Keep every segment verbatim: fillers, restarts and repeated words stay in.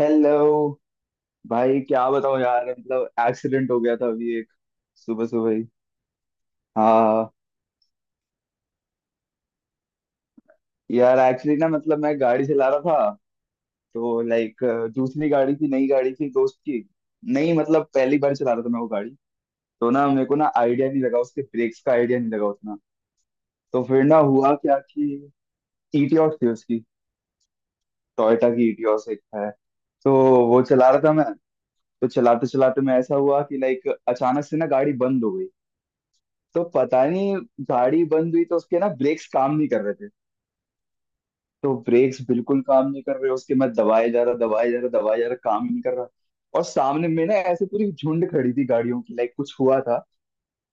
Hello. भाई क्या बताऊं यार, मतलब एक्सीडेंट हो गया था अभी एक। सुबह सुबह ही। हाँ। यार एक्चुअली ना, मतलब मैं गाड़ी चला रहा था तो लाइक, दूसरी गाड़ी थी, नई गाड़ी थी दोस्त की। नहीं मतलब पहली बार चला रहा था मैं वो गाड़ी। तो ना मेरे को ना आइडिया नहीं लगा उसके, ब्रेक्स का आइडिया नहीं लगा उतना। तो फिर ना हुआ क्या कि ईटियोस थी उसकी। टोयोटा की ईटियोस एक है। तो वो चला रहा था मैं। तो चलाते चलाते मैं ऐसा हुआ कि लाइक, अचानक से ना गाड़ी बंद हो गई। तो पता नहीं, गाड़ी बंद हुई तो उसके ना ब्रेक्स काम नहीं कर रहे थे। तो ब्रेक्स बिल्कुल काम नहीं कर रहे उसके, मैं दबाए जा रहा दबाए जा रहा दबाए जा रहा, काम ही नहीं कर रहा। और सामने में ना ऐसे पूरी झुंड खड़ी थी गाड़ियों की, लाइक कुछ हुआ था।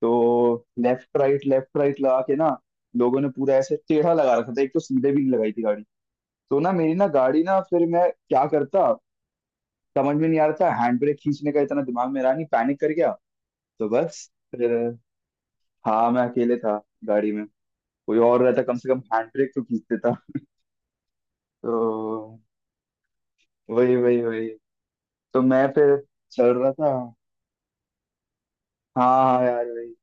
तो लेफ्ट राइट लेफ्ट राइट लगा के ना, लोगों ने पूरा ऐसे टेढ़ा लगा रखा था, एक तो सीधे भी नहीं लगाई थी गाड़ी। तो ना मेरी ना गाड़ी ना, फिर मैं क्या करता, समझ में नहीं आ रहा था। हैंड ब्रेक खींचने का इतना दिमाग में रहा नहीं, पैनिक कर गया। तो बस। फिर। हाँ मैं अकेले था। गाड़ी में। कोई और रहता कम से कम हैंड ब्रेक तो खींच देता। तो वही वही वही। तो मैं फिर, चल रहा था। हाँ हाँ यार वही।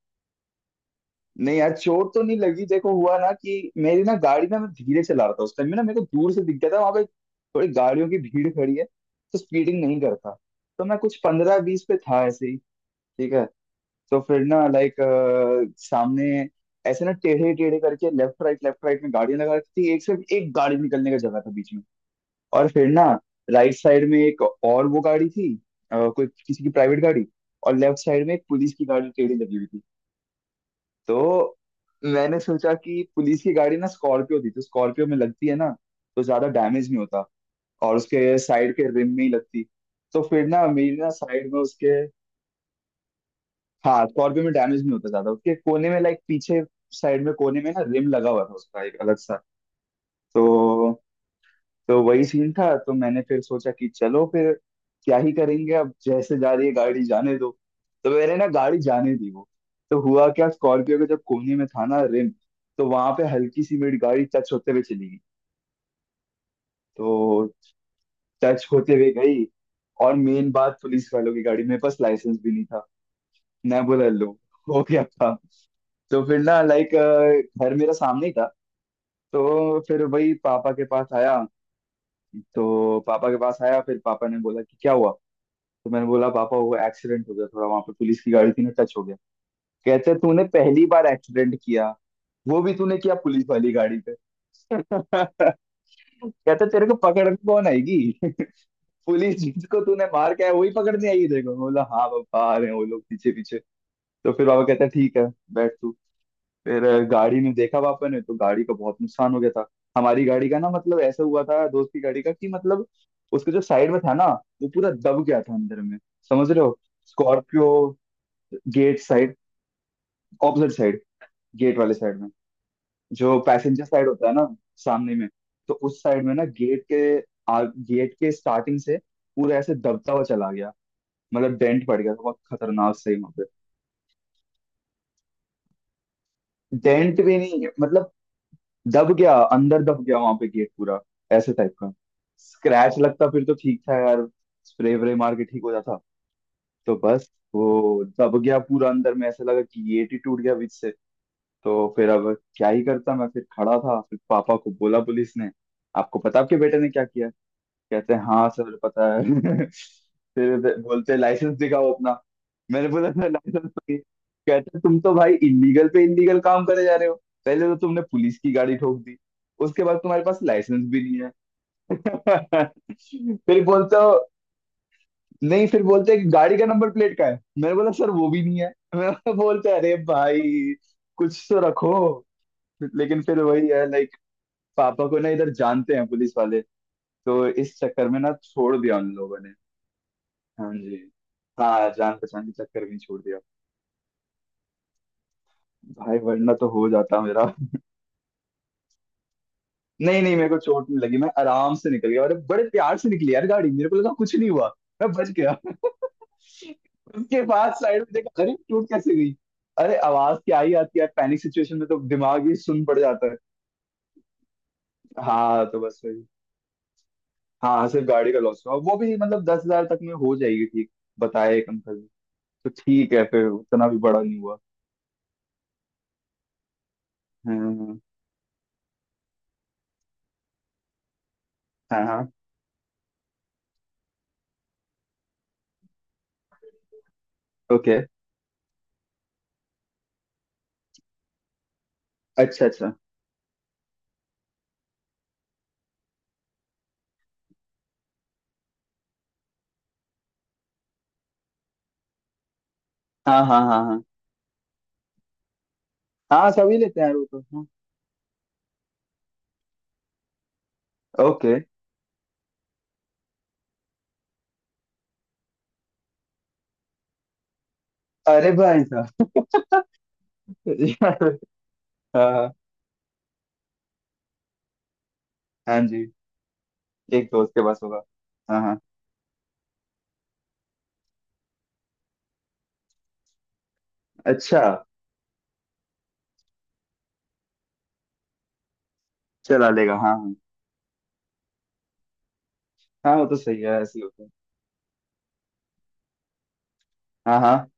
नहीं यार चोट तो नहीं लगी, देखो हुआ ना कि मेरी ना गाड़ी ना, मैं धीरे चला रहा था उस टाइम में, ना मेरे को दूर से दिख गया था वहां पे थोड़ी गाड़ियों की भीड़ खड़ी है, तो स्पीडिंग नहीं करता। तो मैं कुछ पंद्रह बीस पे था ऐसे ही। ठीक है। तो फिर ना लाइक सामने ऐसे ना टेढ़े टेढ़े करके लेफ्ट राइट लेफ्ट राइट में गाड़ियां लगा रखी थी, एक, सिर्फ एक गाड़ी निकलने का जगह था बीच में। और फिर ना, राइट साइड में एक और वो गाड़ी थी, अ, कोई किसी की प्राइवेट गाड़ी। और लेफ्ट साइड में एक पुलिस की गाड़ी टेढ़ी लगी हुई थी। तो मैंने सोचा कि पुलिस की गाड़ी ना स्कॉर्पियो थी, तो स्कॉर्पियो में लगती है ना, तो ज्यादा डैमेज नहीं होता, और उसके साइड के रिम में ही लगती। तो फिर ना मेरी ना साइड में उसके। हाँ स्कॉर्पियो में डैमेज नहीं होता ज्यादा उसके कोने में, लाइक पीछे साइड में कोने में ना रिम लगा हुआ था उसका, एक अलग सा। तो तो वही सीन था। तो मैंने फिर सोचा कि चलो फिर, क्या ही करेंगे, अब जैसे जा रही है गाड़ी जाने दो। तो मैंने ना गाड़ी जाने दी वो। तो हुआ क्या, स्कॉर्पियो के जब कोने में था ना रिम, तो वहां पे हल्की सी मेरी गाड़ी टच होते हुए चली गई। तो टच होते हुए गई। और मेन बात, पुलिस वालों की गाड़ी, मेरे पास लाइसेंस भी नहीं था। मैं बोला लो, हो गया था। तो फिर ना लाइक घर मेरा सामने ही था, तो फिर वही पापा के पास आया। तो पापा के पास आया, फिर पापा ने बोला कि क्या हुआ। तो मैंने बोला पापा वो एक्सीडेंट हो गया थोड़ा, वहां पे पुलिस की गाड़ी थी ना, टच हो गया। कहते तूने पहली बार एक्सीडेंट किया, वो भी तूने किया पुलिस वाली गाड़ी पे। कहते तेरे को पकड़ने कौन आएगी। पुलिस जिसको तूने मार के आया वही पकड़ने आएगी। देखो बोला हाँ पापा आ रहे हैं वो लोग पीछे पीछे। तो फिर पापा कहते हैं ठीक है, बैठ तू। फिर अ, गाड़ी में देखा पापा ने तो गाड़ी का बहुत नुकसान हो गया था। हमारी गाड़ी का ना, मतलब ऐसा हुआ था दोस्त की गाड़ी का कि, मतलब उसके जो साइड में था ना, वो पूरा दब गया था अंदर में। समझ रहे हो। Scorpio. Gate side. Opposite side. Gate वाले साइड में। जो पैसेंजर साइड होता है ना, सामने में। तो उस साइड में ना गेट के, आ, गेट के स्टार्टिंग से पूरा ऐसे दबता हुआ चला गया। मतलब डेंट पड़ गया था बहुत खतरनाक सही वहां पे। डेंट भी नहीं, मतलब दब गया अंदर, दब गया वहां पे गेट पूरा, ऐसे टाइप का। स्क्रैच लगता फिर तो ठीक था यार, स्प्रे व्रे मार के ठीक हो जाता। तो बस। वो दब गया पूरा अंदर में, ऐसा लगा कि गेट ही टूट गया बीच से। तो फिर अब क्या ही करता मैं, फिर खड़ा था। फिर पापा को बोला पुलिस ने, आपको पता आपके बेटे ने क्या किया। कहते हैं हाँ सर पता है। फिर ब- बोलते लाइसेंस दिखाओ अपना। मैंने बोला सर लाइसेंस तो नहीं। कहते तुम तो भाई इलीगल पे इलीगल काम करे जा रहे हो, पहले तो तुमने पुलिस की गाड़ी ठोक दी, उसके बाद तुम्हारे पास लाइसेंस भी नहीं है। फिर बोलते हो, नहीं फिर बोलते हैं कि गाड़ी का नंबर प्लेट का है, मैंने बोला सर वो भी नहीं है। मैंने बोलते हैं, अरे भाई कुछ तो रखो। लेकिन फिर वही है लाइक, पापा को ना इधर जानते हैं पुलिस वाले, तो इस चक्कर में ना छोड़ दिया उन लोगों ने। हाँ जी। हाँ जान पहचान के चक्कर में ही छोड़ दिया। भाई वरना तो हो जाता मेरा। नहीं नहीं मेरे को चोट नहीं लगी, मैं आराम से निकल गया, और बड़े प्यार से निकली यार गाड़ी, मेरे को लगा कुछ नहीं हुआ। मैं बच गया। उसके बाद साइड में देखा अरे टूट कैसे गई। अरे आवाज क्या आई, आती है पैनिक सिचुएशन में तो दिमाग ही सुन पड़ जाता है। हाँ तो बस वही। हाँ हाँ, सिर्फ गाड़ी का लॉस हुआ, वो भी मतलब दस हजार तक में हो जाएगी, ठीक बताए एक अंकल ने। तो ठीक है फिर, उतना भी बड़ा नहीं हुआ। हाँ हाँ हाँ। ओके। अच्छा अच्छा। हाँ हाँ हाँ हाँ। हाँ सभी लेते हैं यार वो तो, हाँ। ओके। अरे भाई साहब। हाँ हाँ। हाँ जी। एक दोस्त के पास होगा। हाँ हाँ। अच्छा। चला लेगा, हाँ हाँ। हाँ वो तो सही है, ऐसे ही होता है। हाँ हाँ।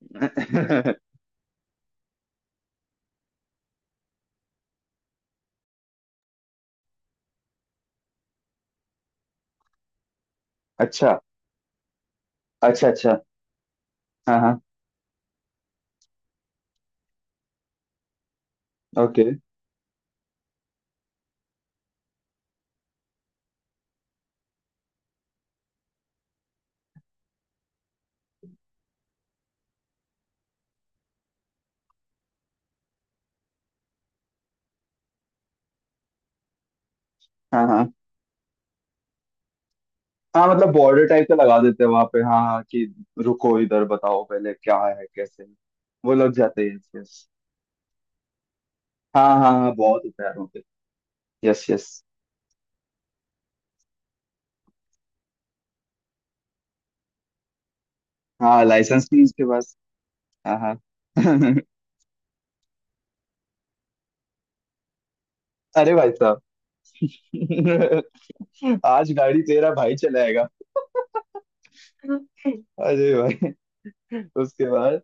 अच्छा। अच्छा अच्छा। हाँ हाँ। ओके। हाँ हाँ हाँ मतलब बॉर्डर टाइप का लगा देते हैं वहां पे, हाँ हाँ, कि रुको इधर बताओ पहले क्या है कैसे है। वो लग जाते हैं, यस यस। हाँ हाँ हाँ बहुत होता है यार वहाँ पे। Yes yes. हाँ लाइसेंस भी इसके पास। हाँ हाँ। अरे भाई साहब। आज गाड़ी तेरा भाई चलाएगा। अरे भाई। उसके बाद।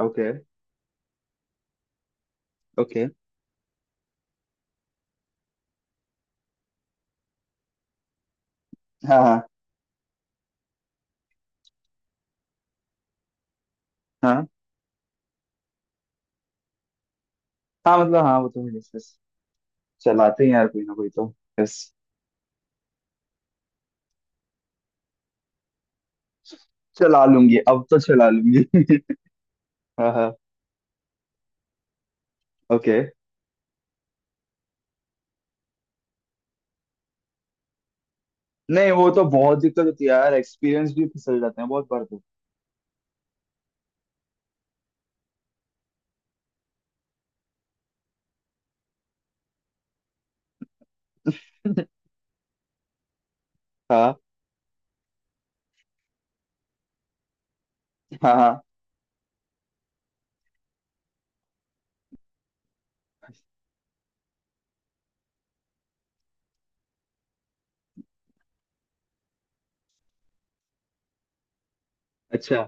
ओके। ओके। हाँ हाँ। हाँ हाँ मतलब हाँ वो तो है, yes, yes. चलाते हैं यार कोई ना कोई तो। यस। चला लूंगी अब तो चला लूंगी। हाँ हाँ। ओके। नहीं वो तो बहुत दिक्कत होती है यार, एक्सपीरियंस भी फिसल जाते हैं बहुत बार तो। हाँ हाँ हाँ। अच्छा।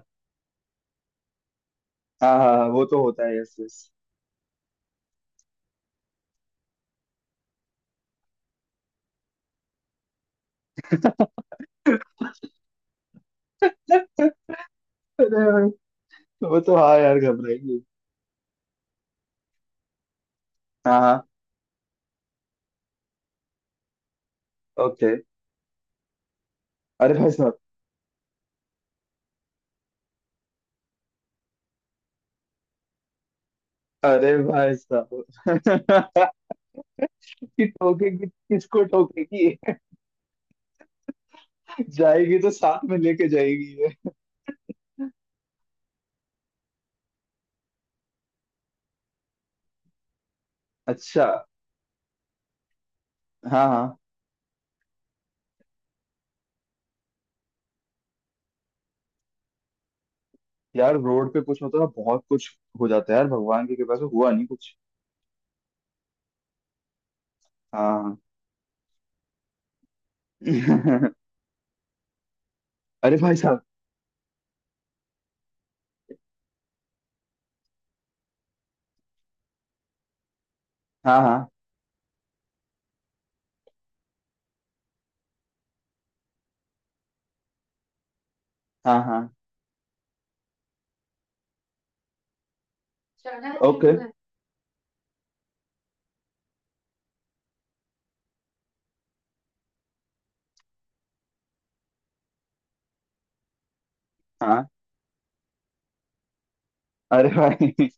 हाँ हाँ हाँ, वो तो होता है, यस यस। अरे भाई। वो तो हाँ यार घबराएगी। हाँ हाँ। ओके। अरे भाई साहब। अरे भाई साहब। कि ठोकेगी किसको ठोकेगी। जाएगी तो साथ में लेके जाएगी ये। अच्छा। हाँ हाँ। यार रोड पे कुछ मतलब, बहुत कुछ हो जाता है यार, भगवान की कृपा से हुआ नहीं कुछ। हाँ। अरे भाई साहब। हाँ हाँ हाँ हाँ। ओके। हाँ। अरे भाई।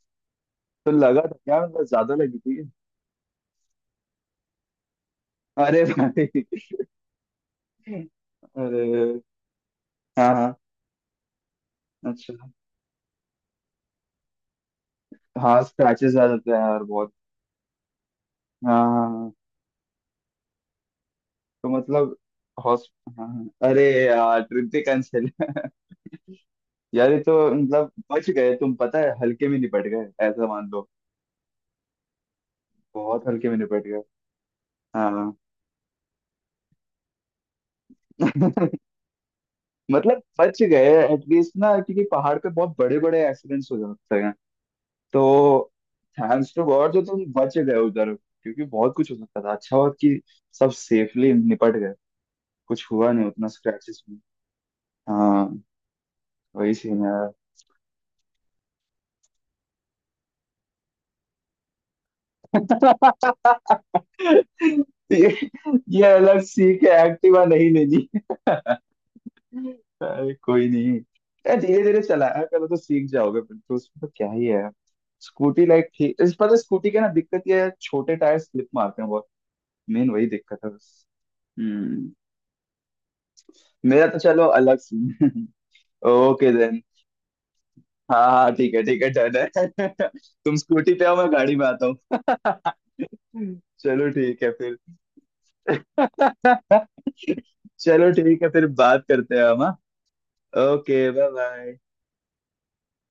तो लगा था क्या, मतलब ज्यादा लगी थी। अरे भाई। अरे। हाँ हाँ। अच्छा। हाँ स्क्रैचेस आ जाते हैं यार बहुत। हाँ हाँ हाँ। तो मतलब हॉस हाँ हाँ। अरे यार ट्रिप ही कैंसिल। यार ये तो मतलब बच गए तुम पता है, हल्के में निपट गए ऐसा मान लो। बहुत हल्के में निपट गए। हाँ। मतलब बच गए, एटलीस्ट ना, क्योंकि पहाड़ पे बहुत बड़े बड़े एक्सीडेंट्स हो जाते हैं तो। थैंक्स टू गॉड जो तुम बच गए उधर, क्योंकि बहुत कुछ हो सकता था, अच्छा हुआ कि सब सेफली निपट गए। कुछ हुआ नहीं उतना, स्क्रैचेस में। हाँ। वही सीन है। ये, ये अलग सीख है, एक्टिवा नहीं लेनी। अरे कोई नहीं। धीरे धीरे चलाया करो तो सीख जाओगे, फिर तो उसमें तो क्या ही है। स्कूटी लाइक ठीक, इस पता स्कूटी के ना दिक्कत ये है, छोटे टायर स्लिप मारते हैं बहुत। मेन वही दिक्कत है बस। हम्म। मेरा तो चलो अलग सीन। Okay then. हाँ हाँ ठीक है ठीक है डन है। तुम स्कूटी पे आओ मैं गाड़ी में आता हूँ। चलो ठीक है फिर। चलो ठीक है फिर बात करते हैं हम। Okay bye bye.